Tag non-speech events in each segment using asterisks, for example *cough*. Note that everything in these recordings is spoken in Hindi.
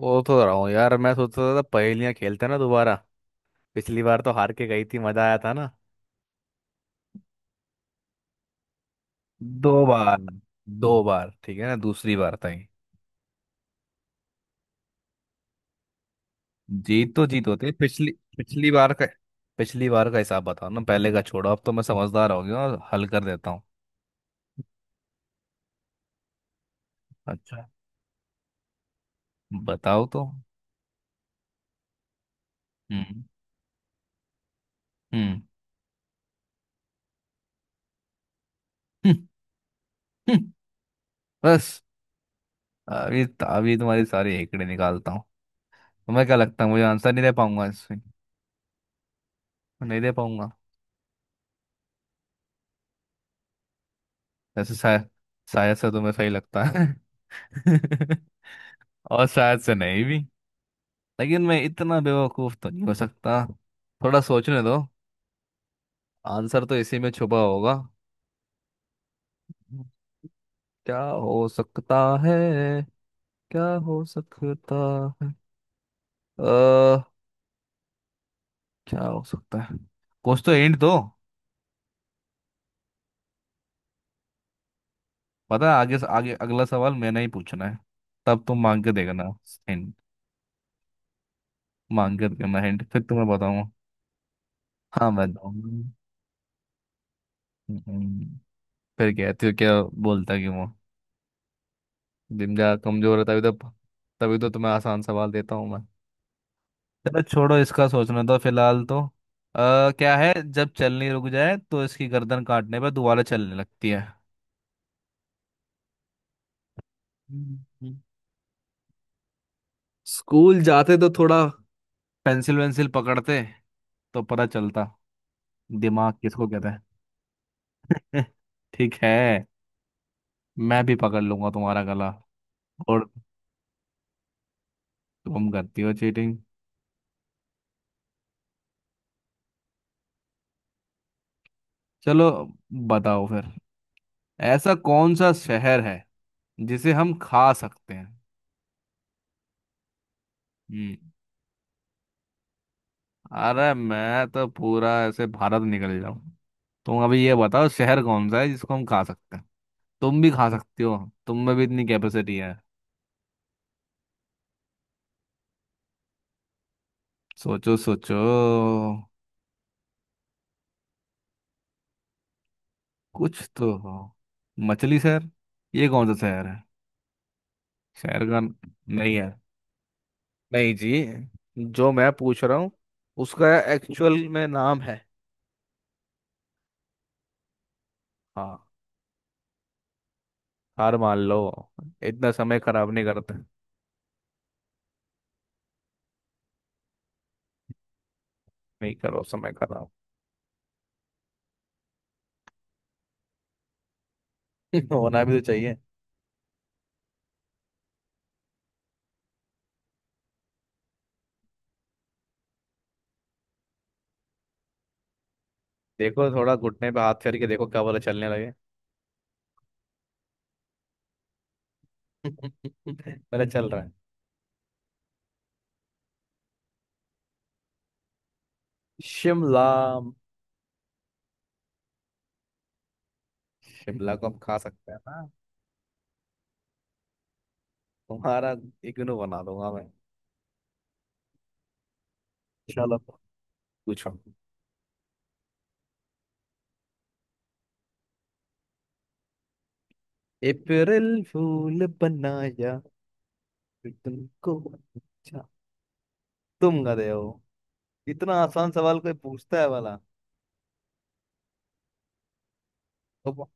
वो तो रहा हूँ यार, मैं सोचता था पहेलियां खेलते हैं ना, दोबारा। पिछली बार तो हार के गई थी, मजा आया था ना। 2 बार, 2 बार ठीक है ना। दूसरी बार था ये। जीत तो जीत होती है, पिछली पिछली बार का। पिछली बार का हिसाब बताओ ना, पहले का छोड़ो। अब तो मैं समझदार हो गया और हल कर देता हूँ। अच्छा, बताओ तो। हम्म, हम्म, हम्म, हम्म। बस। अभी अभी तुम्हारी सारी हेकड़े निकालता हूँ। तुम्हें क्या लगता है मुझे आंसर नहीं दे पाऊंगा इसमें? नहीं दे पाऊंगा? ऐसे शायद। शायद से तुम्हें सही लगता है। *laughs* और शायद से नहीं भी। लेकिन मैं इतना बेवकूफ तो नहीं हो सकता। थोड़ा सोचने दो। आंसर तो इसी में छुपा होगा। क्या हो सकता है? क्या हो सकता है? अ क्या हो सकता है? कुछ तो हिंट दो। पता है आगे आगे अगला सवाल मैंने ही पूछना है, तब तुम मांग के देखना हिंट। मांग के देखना हिंट, फिर तुम्हें बताऊंगा। हाँ, मैं बताऊंगा। हम्म, हम्म। फिर कहती हो क्या? बोलता क्यों हो? जिंदा कमजोर है तभी तो। तभी तो तुम्हें आसान सवाल देता हूँ मैं। चलो छोड़ो इसका सोचना तो फिलहाल तो। क्या है जब चलने रुक जाए तो इसकी गर्दन काटने पर दोबारा चलने लगती है? हम्म। स्कूल जाते तो थोड़ा पेंसिल वेंसिल पकड़ते, तो पता चलता दिमाग किसको कहते हैं। *laughs* ठीक है। मैं भी पकड़ लूंगा तुम्हारा गला। और तुम करती हो चीटिंग? चलो, बताओ फिर। ऐसा कौन सा शहर है जिसे हम खा सकते हैं? हम्म। अरे मैं तो पूरा ऐसे भारत निकल जाऊं। तुम अभी ये बताओ शहर कौन सा है जिसको हम खा सकते हैं। तुम भी खा सकती हो, तुम में भी इतनी कैपेसिटी है। सोचो सोचो, कुछ तो हो। मछली शहर? ये कौन सा शहर है? शहर का न- नहीं है। नहीं जी, जो मैं पूछ रहा हूँ उसका एक्चुअल में नाम है। हाँ, हार मान लो। इतना समय खराब नहीं करते। नहीं करो समय खराब। *laughs* होना भी तो चाहिए। देखो, थोड़ा घुटने पे हाथ करके देखो कब वाला चलने लगे। *laughs* मेरा चल रहा है। शिमला। शिमला को हम खा सकते हैं ना। तुम्हारा इग्नू बना दूंगा मैं। चलो, पूछो। अप्रैल फूल बनाया तुमको? अच्छा। तुम गधे हो। इतना आसान सवाल कोई पूछता है वाला। तो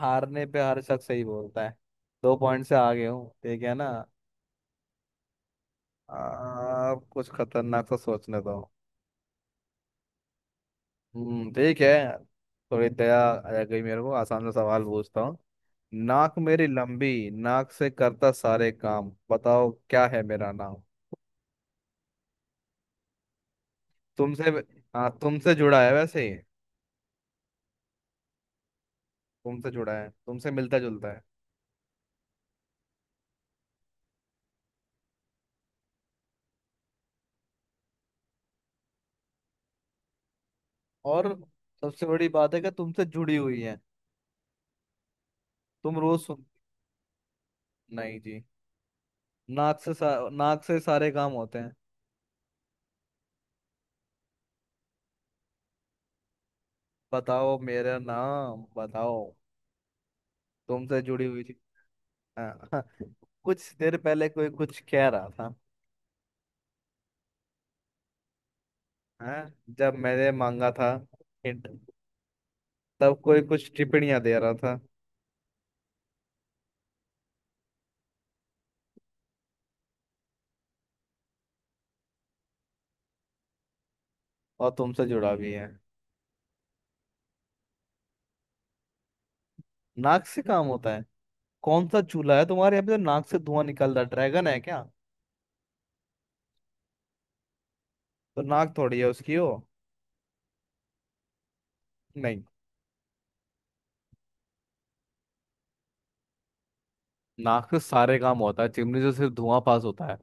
हारने पे हर शख्स सही बोलता है। 2 पॉइंट से आगे हूँ, ठीक है ना। आप कुछ खतरनाक सा सोचने दो। ठीक है। थोड़ी दया आ गई मेरे को, आसान सा सवाल पूछता हूँ। नाक मेरी लंबी, नाक से करता सारे काम, बताओ क्या है मेरा नाम। तुमसे। हाँ, तुमसे जुड़ा है वैसे ही। तुमसे जुड़ा है, तुमसे मिलता जुलता है। और सबसे बड़ी बात है कि तुमसे जुड़ी हुई है। तुम रोज सुन। नहीं जी। नाक से सारे काम होते हैं। बताओ मेरा नाम बताओ। तुमसे जुड़ी हुई चीज। हाँ। *laughs* कुछ देर पहले कोई कुछ कह रहा था। हाँ, जब मैंने मांगा था हिंट, तब कोई कुछ टिप्पणियां दे रहा था। और तुमसे जुड़ा भी है, नाक से काम होता है। कौन सा चूल्हा है तुम्हारे यहाँ पे जो नाक से धुआं निकल रहा है, ड्रैगन है क्या? तो नाक थोड़ी है उसकी हो। नहीं। नाक से सारे काम होता है, चिमनी से सिर्फ धुआं पास होता है।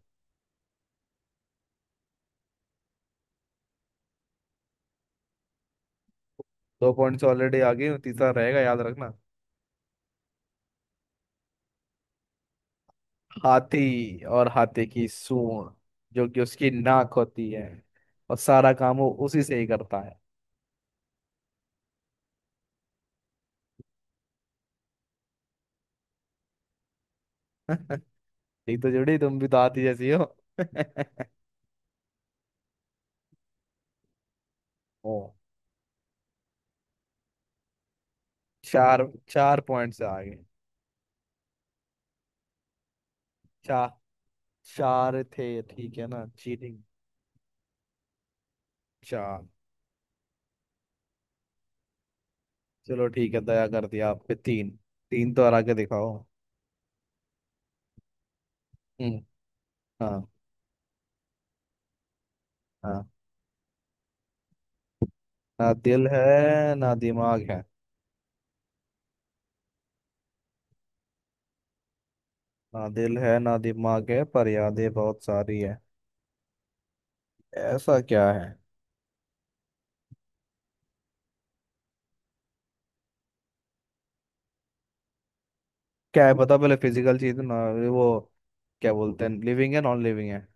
2 पॉइंट्स ऑलरेडी आ गई, तीसरा रहेगा याद रखना। हाथी, और हाथी की सूंड जो कि उसकी नाक होती है, और सारा काम वो उसी से ही करता है। *laughs* ठीक तो जुड़ी, तुम भी तो हाथी जैसी हो। *laughs* ओ। चार 4 पॉइंट से आगे। चार चार थे, ठीक है ना, चीटिंग। चार। चलो ठीक है, दया कर दिया आप पे, तीन। तीन तो हरा के दिखाओ। हम्म, हाँ। हाँ। ना दिल है ना दिमाग है। ना दिल है ना दिमाग है, पर यादें बहुत सारी है। ऐसा क्या है? क्या है, बता पहले, फिजिकल चीज ना वो, क्या बोलते हैं, लिविंग है नॉन लिविंग है?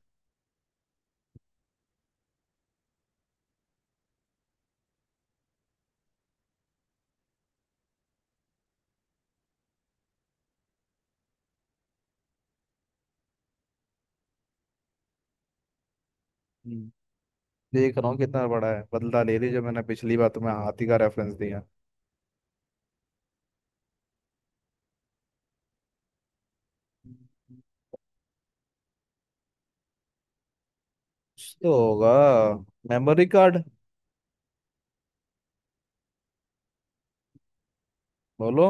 हम्म, देख रहा हूँ कितना बड़ा है, बदला ले रही जो मैंने पिछली बार तुम्हें हाथी का रेफरेंस दिया। कुछ तो होगा। Memory card? बोलो।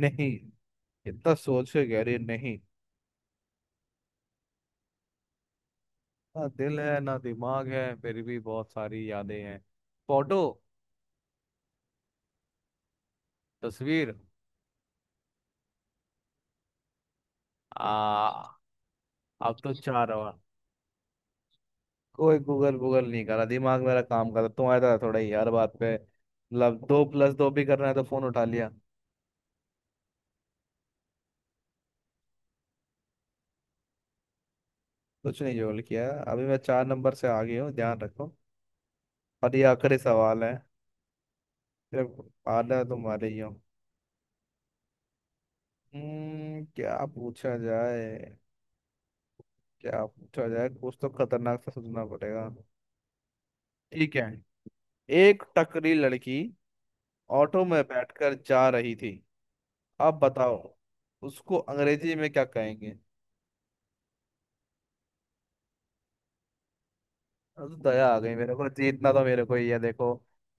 नहीं? इतना सोच के कह रही है, नहीं। ना दिल है ना दिमाग है फिर भी बहुत सारी यादें हैं। फोटो? तस्वीर? आ अब तो चार और। कोई गूगल गूगल नहीं करा, दिमाग मेरा काम कर रहा, तुम्हारा था थोड़ा ही? हर बात पे मतलब 2 + 2 भी करना है तो फोन उठा लिया। कुछ नहीं जोल किया, अभी मैं 4 नंबर से आगे हूँ, ध्यान रखो। और ये आखिरी सवाल है। सिर्फ आधा तुम्हारे ही हो। क्या पूछा जाए? क्या पूछा जाए, कुछ तो खतरनाक सा सोचना पड़ेगा। ठीक है। एक टकरी लड़की ऑटो में बैठकर जा रही थी। अब बताओ उसको अंग्रेजी में क्या कहेंगे? अब तो दया आ गई मेरे को, जीतना तो मेरे को ही है देखो।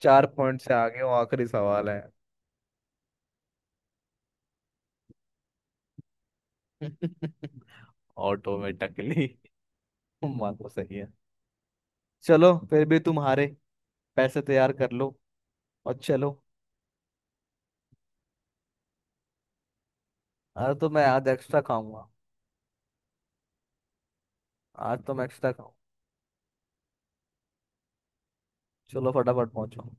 चार पॉइंट से आगे हूँ, आखिरी सवाल है। *laughs* ऑटो में टकली, मानो सही है। चलो फिर भी तुम हारे, पैसे तैयार कर लो और चलो। अरे तो मैं आज एक्स्ट्रा खाऊंगा। आज तो मैं एक्स्ट्रा खाऊं। चलो फटाफट पहुंचो।